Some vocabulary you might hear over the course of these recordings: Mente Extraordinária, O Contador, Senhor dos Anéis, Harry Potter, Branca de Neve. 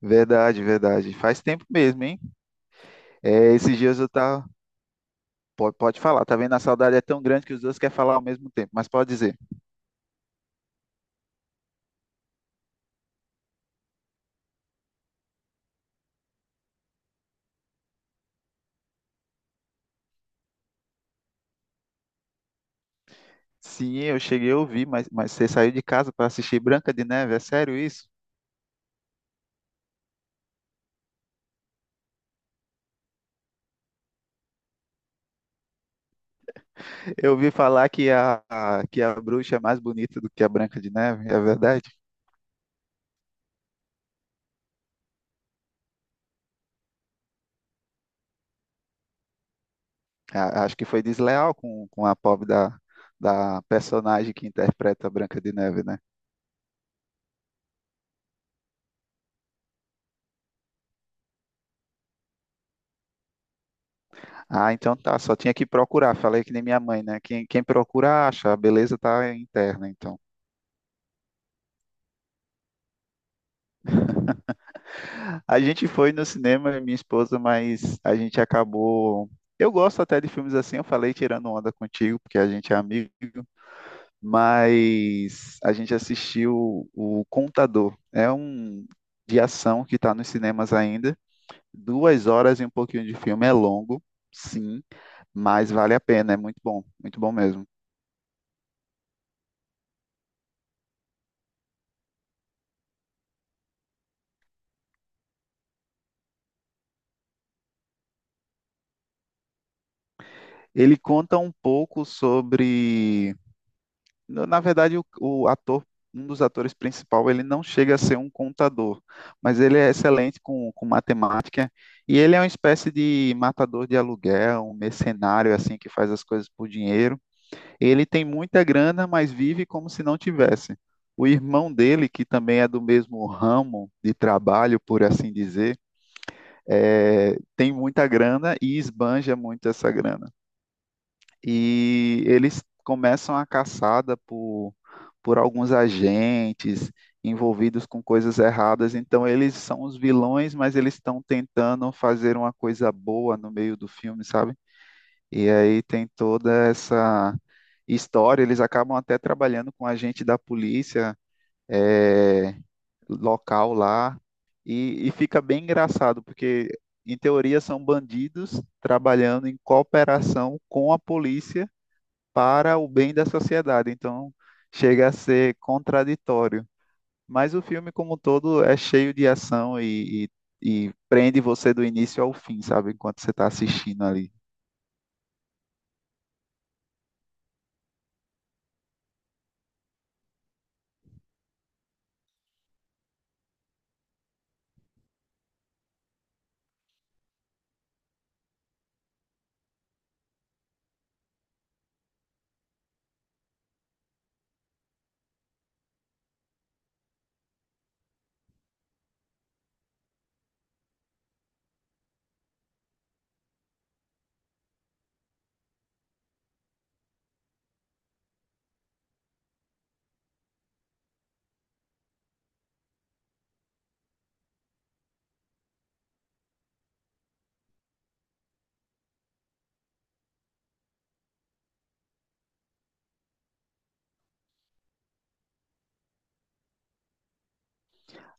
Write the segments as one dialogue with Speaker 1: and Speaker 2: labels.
Speaker 1: Verdade, verdade. Faz tempo mesmo, hein? É, esses dias eu tava. Pode falar, tá vendo? A saudade é tão grande que os dois querem falar ao mesmo tempo, mas pode dizer. Sim, eu cheguei a ouvir, mas você saiu de casa para assistir Branca de Neve? É sério isso? Eu ouvi falar que a bruxa é mais bonita do que a Branca de Neve, é verdade? Acho que foi desleal com a pobre da, da personagem que interpreta a Branca de Neve, né? Ah, então tá, só tinha que procurar. Falei que nem minha mãe, né? Quem procura acha, a beleza tá interna, então. A gente foi no cinema, eu e minha esposa, mas a gente acabou. Eu gosto até de filmes assim, eu falei tirando onda contigo, porque a gente é amigo, mas a gente assistiu o Contador. É um de ação que está nos cinemas ainda. 2 horas e um pouquinho de filme é longo, sim, mas vale a pena, é muito bom mesmo. Ele conta um pouco sobre. Na verdade, o ator, um dos atores principal, ele não chega a ser um contador, mas ele é excelente com matemática e ele é uma espécie de matador de aluguel, um mercenário assim que faz as coisas por dinheiro. Ele tem muita grana, mas vive como se não tivesse. O irmão dele, que também é do mesmo ramo de trabalho, por assim dizer, tem muita grana e esbanja muito essa grana e eles começam a caçada por alguns agentes envolvidos com coisas erradas. Então, eles são os vilões, mas eles estão tentando fazer uma coisa boa no meio do filme, sabe? E aí tem toda essa história. Eles acabam até trabalhando com um agente da polícia eh, local lá. E fica bem engraçado, porque em teoria são bandidos trabalhando em cooperação com a polícia para o bem da sociedade. Então, chega a ser contraditório. Mas o filme, como um todo, é cheio de ação e, e prende você do início ao fim, sabe? Enquanto você está assistindo ali.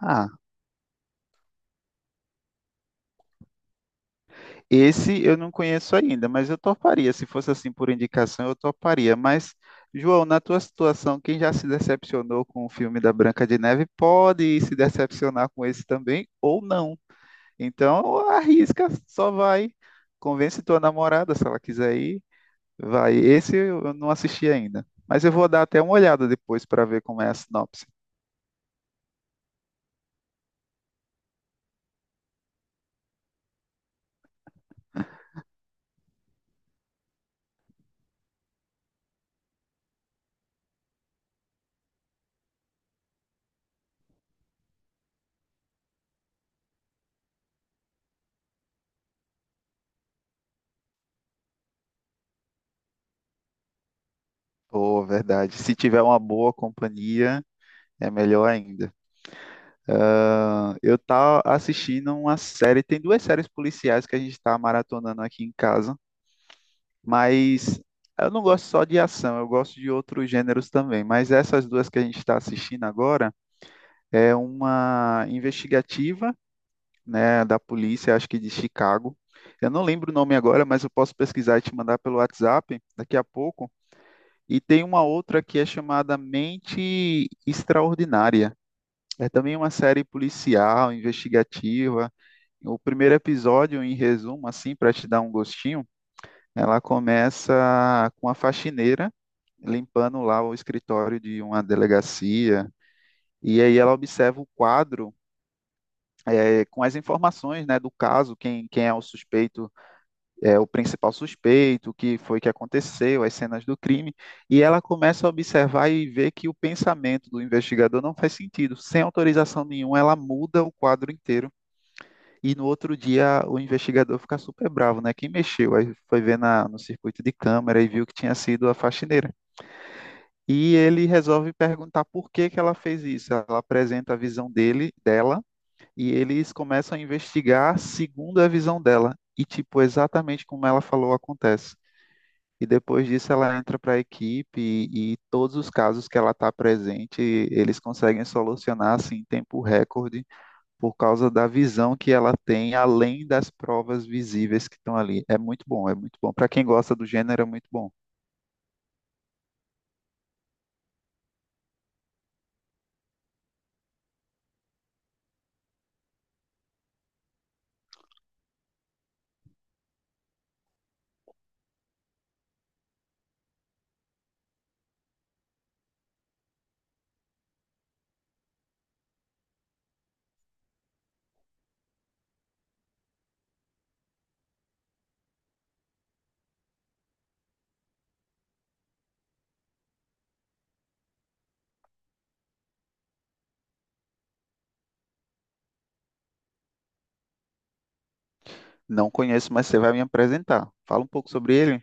Speaker 1: Ah, esse eu não conheço ainda, mas eu toparia. Se fosse assim por indicação, eu toparia. Mas, João, na tua situação, quem já se decepcionou com o filme da Branca de Neve pode se decepcionar com esse também ou não. Então, arrisca, só vai. Convence tua namorada, se ela quiser ir, vai, esse eu não assisti ainda. Mas eu vou dar até uma olhada depois para ver como é a sinopse. Pô, verdade. Se tiver uma boa companhia, é melhor ainda. Ah, eu tava assistindo uma série, tem duas séries policiais que a gente tá maratonando aqui em casa, mas eu não gosto só de ação, eu gosto de outros gêneros também. Mas essas duas que a gente está assistindo agora é uma investigativa, né, da polícia, acho que de Chicago. Eu não lembro o nome agora, mas eu posso pesquisar e te mandar pelo WhatsApp daqui a pouco. E tem uma outra que é chamada Mente Extraordinária. É também uma série policial, investigativa. O primeiro episódio, em resumo, assim, para te dar um gostinho, ela começa com a faxineira limpando lá o escritório de uma delegacia. E aí ela observa o quadro, com as informações, né, do caso, quem é o suspeito, o principal suspeito, o que foi que aconteceu, as cenas do crime, e ela começa a observar e ver que o pensamento do investigador não faz sentido. Sem autorização nenhuma, ela muda o quadro inteiro. E no outro dia o investigador fica super bravo, né? Quem mexeu? Aí foi ver na, no circuito de câmera e viu que tinha sido a faxineira. E ele resolve perguntar por que que ela fez isso. Ela apresenta a visão dele, dela, e eles começam a investigar segundo a visão dela. E, tipo, exatamente como ela falou acontece. E depois disso ela entra para a equipe e todos os casos que ela está presente, eles conseguem solucionar assim, em tempo recorde por causa da visão que ela tem, além das provas visíveis que estão ali. É muito bom, é muito bom. Para quem gosta do gênero, é muito bom. Não conheço, mas você vai me apresentar. Fala um pouco sobre ele.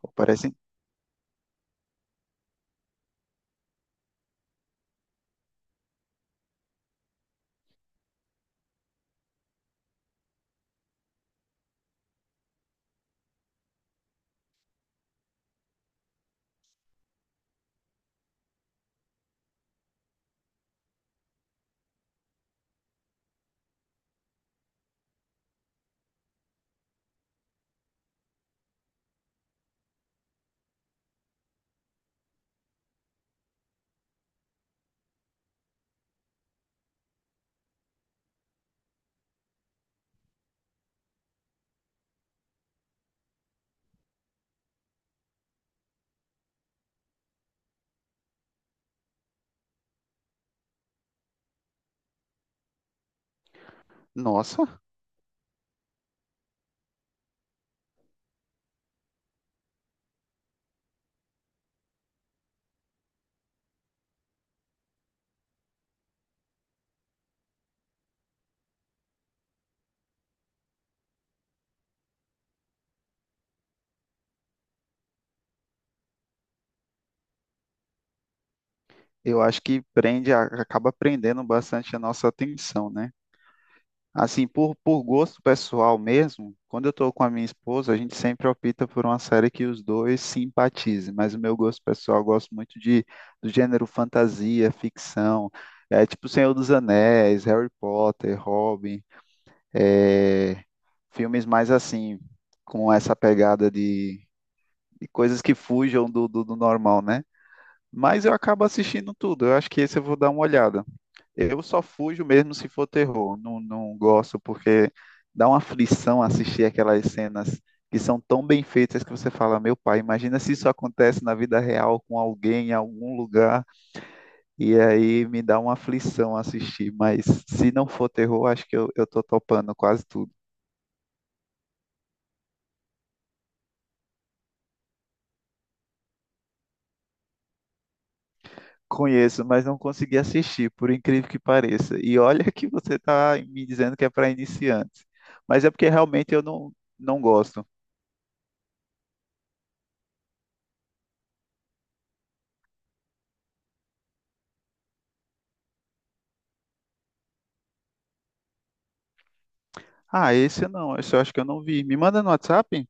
Speaker 1: Pô, parece, nossa, eu acho que prende, acaba prendendo bastante a nossa atenção, né? Assim, por gosto pessoal mesmo, quando eu tô com a minha esposa, a gente sempre opta por uma série que os dois simpatizem, mas o meu gosto pessoal, eu gosto muito de, do gênero fantasia, ficção, tipo Senhor dos Anéis, Harry Potter, Robin, é, filmes mais assim, com essa pegada de coisas que fujam do, do normal, né? Mas eu acabo assistindo tudo, eu acho que esse eu vou dar uma olhada. Eu só fujo mesmo se for terror. Não, não gosto porque dá uma aflição assistir aquelas cenas que são tão bem feitas que você fala, meu pai, imagina se isso acontece na vida real com alguém em algum lugar e aí me dá uma aflição assistir. Mas se não for terror, acho que eu tô topando quase tudo. Conheço, mas não consegui assistir, por incrível que pareça. E olha que você está me dizendo que é para iniciantes. Mas é porque realmente eu não, não gosto. Ah, esse não, esse eu acho que eu não vi. Me manda no WhatsApp?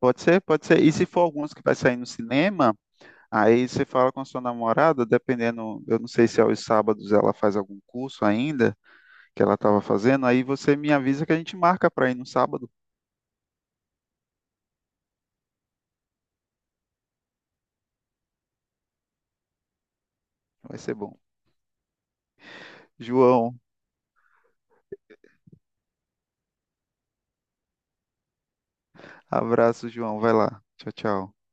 Speaker 1: Pode ser, pode ser. E se for alguns que vai sair no cinema, aí você fala com a sua namorada, dependendo, eu não sei se é aos sábados ela faz algum curso ainda, que ela estava fazendo, aí você me avisa que a gente marca para ir no sábado. Vai ser bom. João, abraço, João. Vai lá. Tchau, tchau.